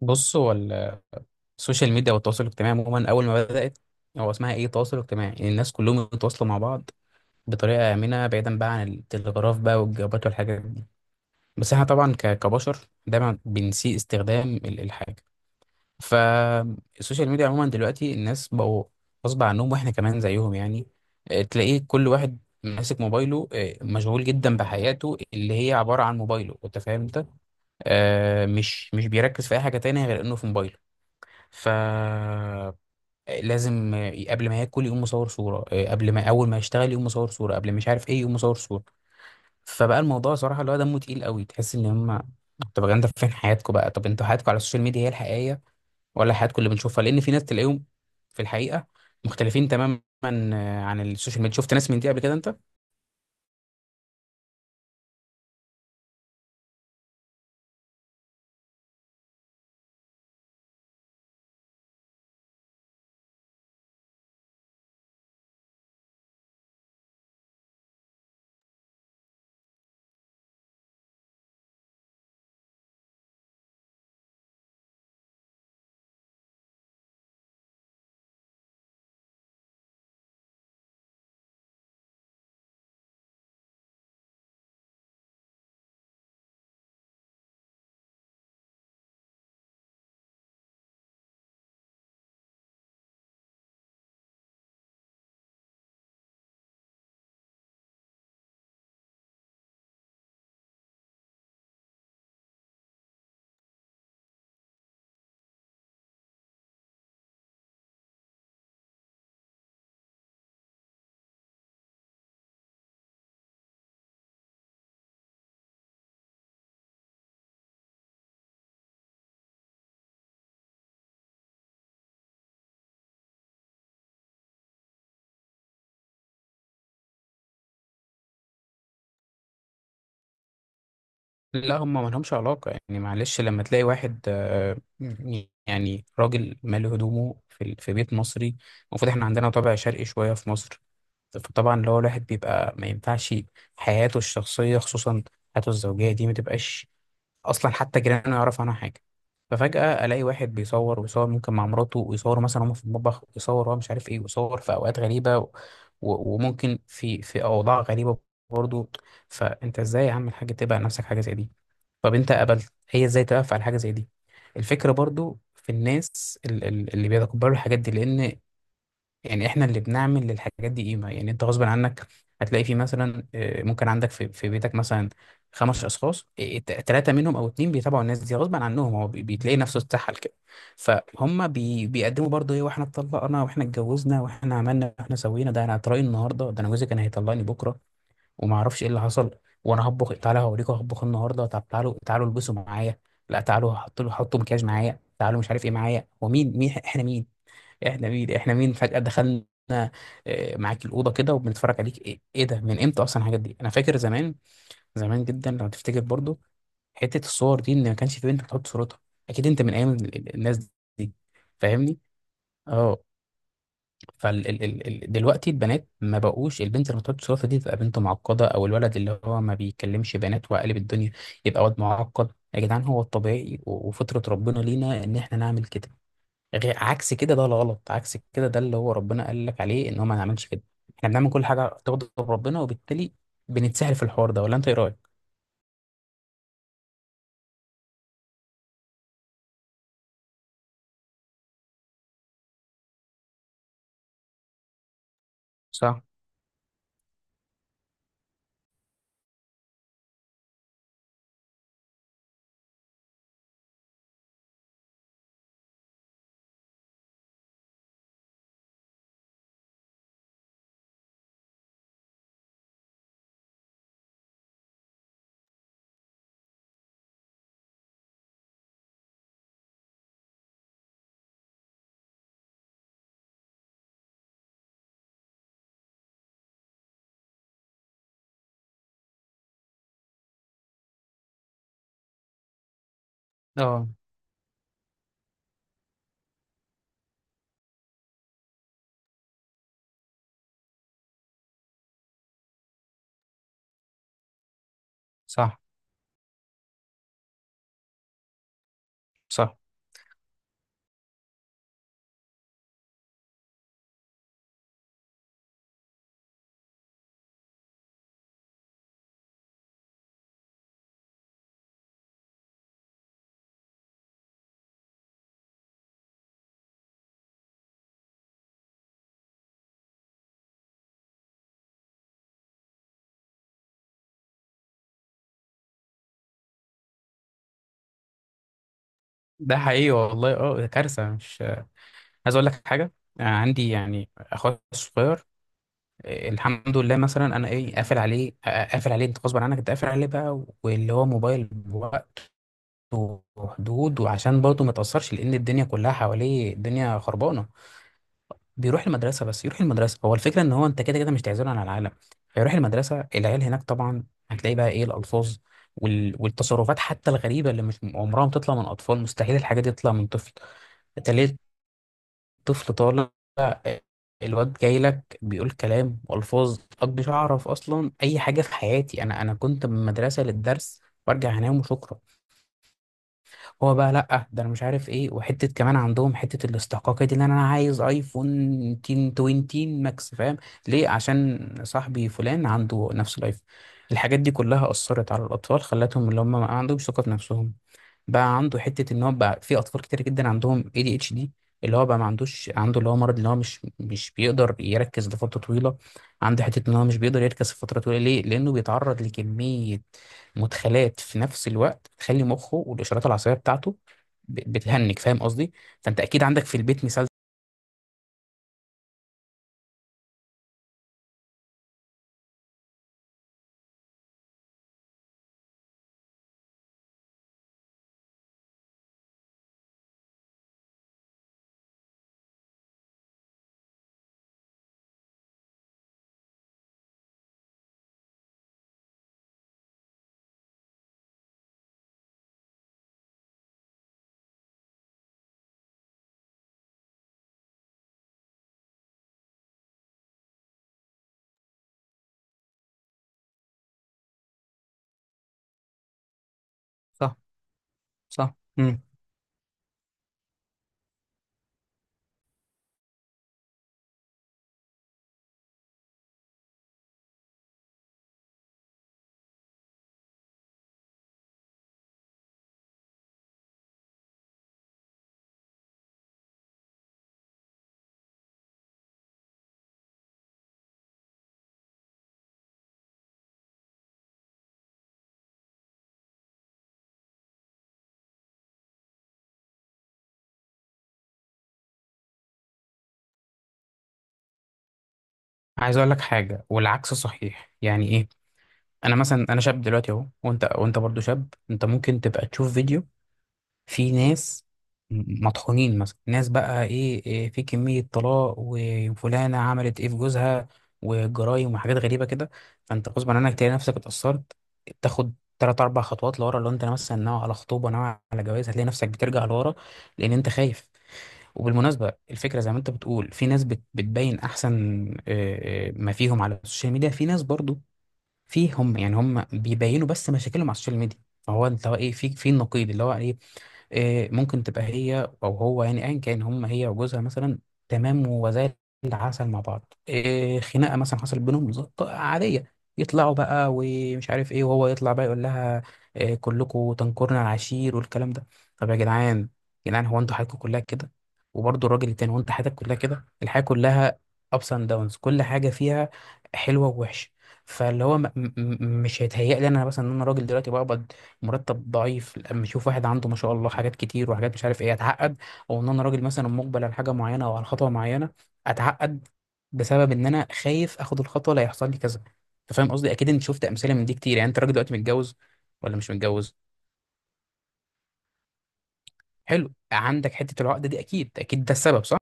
بص هو السوشيال ميديا والتواصل الاجتماعي عموما اول ما بدات، هو اسمها ايه؟ تواصل اجتماعي، يعني الناس كلهم يتواصلوا مع بعض بطريقه امنه، بعيدا بقى عن التلغراف بقى والجوابات والحاجات دي. بس احنا طبعا كبشر دايما بنسيء استخدام الحاجه. فالسوشيال ميديا عموما دلوقتي الناس بقوا غصب عنهم، واحنا كمان زيهم يعني. تلاقيه كل واحد ماسك موبايله، مشغول جدا بحياته اللي هي عباره عن موبايله، انت فاهم انت. مش بيركز في اي حاجه تانية غير انه في موبايله. ف لازم قبل ما ياكل يقوم مصور صورة، قبل ما أول ما يشتغل يقوم مصور صورة، قبل مش عارف إيه يقوم مصور صورة. فبقى الموضوع صراحة اللي هو دمه تقيل قوي، تحس إن هما، طب يا جدعان، طب فين حياتكم بقى؟ طب انتوا حياتكم على السوشيال ميديا هي الحقيقية ولا حياتكم اللي بنشوفها؟ لأن في ناس تلاقيهم في الحقيقة مختلفين تماما عن السوشيال ميديا. شفت ناس من دي قبل كده أنت؟ لا هم ما لهمش علاقة يعني. معلش، لما تلاقي واحد يعني راجل مالي هدومه في بيت مصري، المفروض احنا عندنا طابع شرقي شوية في مصر. فطبعا اللي هو الواحد بيبقى ما ينفعش حياته الشخصية، خصوصا حياته الزوجية دي، ما تبقاش أصلا حتى جيرانه يعرف عنها حاجة. ففجأة ألاقي واحد بيصور ويصور ممكن مع مراته، ويصور مثلا هما في المطبخ، ويصور هو مش عارف إيه، ويصور في أوقات غريبة وممكن في أوضاع غريبة برضه. فأنت إزاي يا عم الحاج تبقى نفسك حاجة زي دي؟ طب أنت قبلت؟ هي إزاي توقف على حاجة زي دي؟ الفكرة برضو في الناس اللي بيتقبلوا الحاجات دي، لأن يعني احنا اللي بنعمل للحاجات دي قيمة. يعني انت غصب عنك هتلاقي في مثلا، ممكن عندك في بيتك مثلا خمس اشخاص، ثلاثة منهم او اتنين بيتابعوا الناس دي، غصب عنهم هو بتلاقي نفسه اتسحل كده. فهم بيقدموا برضه ايه، واحنا اتطلقنا، واحنا اتجوزنا، واحنا عملنا، واحنا سوينا، ده انا هتراي النهارده، ده انا جوزي كان هيطلقني بكره وما اعرفش ايه اللي حصل، وانا هطبخ تعالى هوريكم هطبخ النهارده، طب تعالوا تعالوا البسوا معايا، لا تعالوا حطوا له حطوا مكياج معايا، تعالوا مش عارف ايه معايا. هو مين؟ مين احنا؟ مين احنا؟ مين احنا؟ مين فجأة دخلنا معاك الأوضة كده وبنتفرج عليك؟ ايه ايه ده؟ من امتى اصلا الحاجات دي؟ انا فاكر زمان، زمان جدا لو تفتكر برضو حتة الصور دي، ان ما كانش في بنت بتحط صورتها. اكيد انت من ايام الناس دي، فاهمني؟ اه. فال ال ال ال دلوقتي البنات ما بقوش، البنت اللي بتحط صورتها دي تبقى بنت معقدة، او الولد اللي هو ما بيكلمش بنات وقالب الدنيا يبقى واد معقد. يا جدعان هو الطبيعي وفطرة ربنا لينا ان احنا نعمل كده، غير عكس كده ده غلط. عكس كده ده اللي هو ربنا قال لك عليه ان هو ما نعملش كده. احنا بنعمل كل حاجه تغضب ربنا، وبالتالي بنتسهل في الحوار ده، ولا انت ايه رايك؟ صح. اه. صح. صح. ده حقيقي والله، اه، ده كارثه مش عايز اقول لك حاجه. عندي يعني اخويا الصغير، الحمد لله، مثلا انا ايه، قافل عليه، قافل عليه انت غصب عنك، انت قافل عليه بقى، واللي هو موبايل بوقت وحدود، وعشان برضه ما يتاثرش لان الدنيا كلها حواليه الدنيا خربانه. بيروح المدرسة بس، يروح المدرسة، هو الفكرة ان هو انت كده كده مش تعزله عن العالم. فيروح المدرسة، العيال هناك طبعا هتلاقي بقى ايه الألفاظ، والتصرفات حتى الغريبة اللي مش عمرها ما تطلع من أطفال، مستحيل الحاجة دي تطلع من طفل. تلاقي الطفل طالع، آه، الواد جاي لك بيقول كلام وألفاظ أنا مش أعرف أصلا أي حاجة في حياتي. أنا كنت من المدرسة للدرس وأرجع أنام وشكرا. هو بقى لأ، ده أنا مش عارف إيه، وحتة كمان عندهم حتة الاستحقاقية دي، إن أنا عايز أيفون 1020 ماكس، فاهم؟ ليه؟ عشان صاحبي فلان عنده نفس الأيفون. الحاجات دي كلها أثرت على الأطفال، خلتهم اللي هم ما عندهمش ثقة في نفسهم. بقى عنده حته ان هو بقى في اطفال كتير جدا عندهم اي دي اتش دي، اللي هو بقى ما عندوش، عنده اللي هو مرض اللي هو مش بيقدر يركز لفتره طويله. عنده حته ان هو مش بيقدر يركز لفتره طويله. ليه؟ لانه بيتعرض لكميه مدخلات في نفس الوقت تخلي مخه والاشارات العصبيه بتاعته بتهنج، فاهم قصدي؟ فانت اكيد عندك في البيت مثال. صح. صح. امم. عايز اقول لك حاجه والعكس صحيح، يعني ايه؟ انا مثلا، انا شاب دلوقتي اهو، وانت وانت برضو شاب، انت ممكن تبقى تشوف فيديو في ناس مطحونين مثلا، ناس بقى ايه, إيه، في كمية طلاق، وفلانة عملت ايه في جوزها، وجرايم وحاجات غريبة كده، فانت غصب عنك تلاقي نفسك اتأثرت. تاخد تلات أربع خطوات لورا. لو انت مثلا ناوي على خطوبة، ناوي على جواز، هتلاقي نفسك بترجع لورا لأن انت خايف. وبالمناسبة الفكرة زي ما انت بتقول، في ناس بتبين احسن ما فيهم على السوشيال ميديا. في ناس برضو فيهم يعني هم بيبينوا بس مشاكلهم على السوشيال ميديا. فهو انت هو ايه في النقيض اللي هو ايه، ممكن تبقى هي او هو، يعني ايا كان، هم هي وجوزها مثلا تمام وزي العسل مع بعض، خناقه مثلا حصلت بينهم عاديه، يطلعوا بقى ومش عارف ايه، وهو يطلع بقى يقول لها، كلكم تنكرنا العشير والكلام ده. طب يا جدعان، يا جدعان هو انتوا حياتكم كلها كده؟ وبرضه الراجل التاني هو انت حياتك كلها كده؟ الحياه كلها ups and downs، كل حاجه فيها حلوه ووحشه. فاللي هو مش هيتهيأ لي انا مثلا ان انا راجل دلوقتي بقبض مرتب ضعيف، لما اشوف واحد عنده ما شاء الله حاجات كتير وحاجات مش عارف ايه، اتعقد. او ان انا راجل مثلا مقبل على حاجه معينه او على خطوه معينه، اتعقد بسبب ان انا خايف اخد الخطوه لا يحصل لي كذا. انت فاهم قصدي؟ اكيد انت شفت امثله من دي كتير. يعني انت راجل دلوقتي متجوز ولا مش متجوز؟ حلو، عندك حته العقده دي اكيد، اكيد ده السبب، صح؟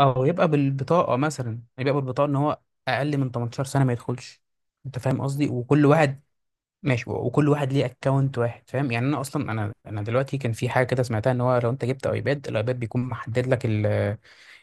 او يبقى بالبطاقه مثلا، يبقى بالبطاقه ان هو اقل من 18 سنه ما يدخلش. انت فاهم قصدي؟ وكل واحد ماشي، وكل واحد ليه اكونت واحد، فاهم يعني؟ انا اصلا انا دلوقتي كان في حاجه كده سمعتها، ان هو لو انت جبت ايباد الايباد بيكون محدد لك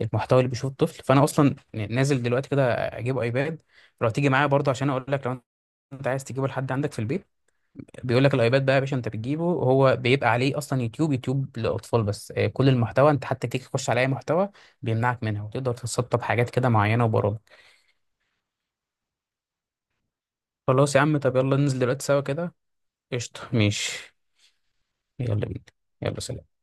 المحتوى اللي بيشوفه الطفل. فانا اصلا نازل دلوقتي كده اجيب ايباد. لو تيجي معايا برضه عشان اقول لك، لو انت عايز تجيبه لحد عندك في البيت، بيقول لك الايباد بقى يا باشا انت بتجيبه، هو بيبقى عليه اصلا يوتيوب، يوتيوب للاطفال بس، كل المحتوى انت حتى تيجي تخش على اي محتوى بيمنعك منها، وتقدر تتسطب حاجات كده معينه وبرامج. خلاص يا عم، طب يلا ننزل دلوقتي سوا كده. قشطه ماشي. يلا بينا. يلا سلام.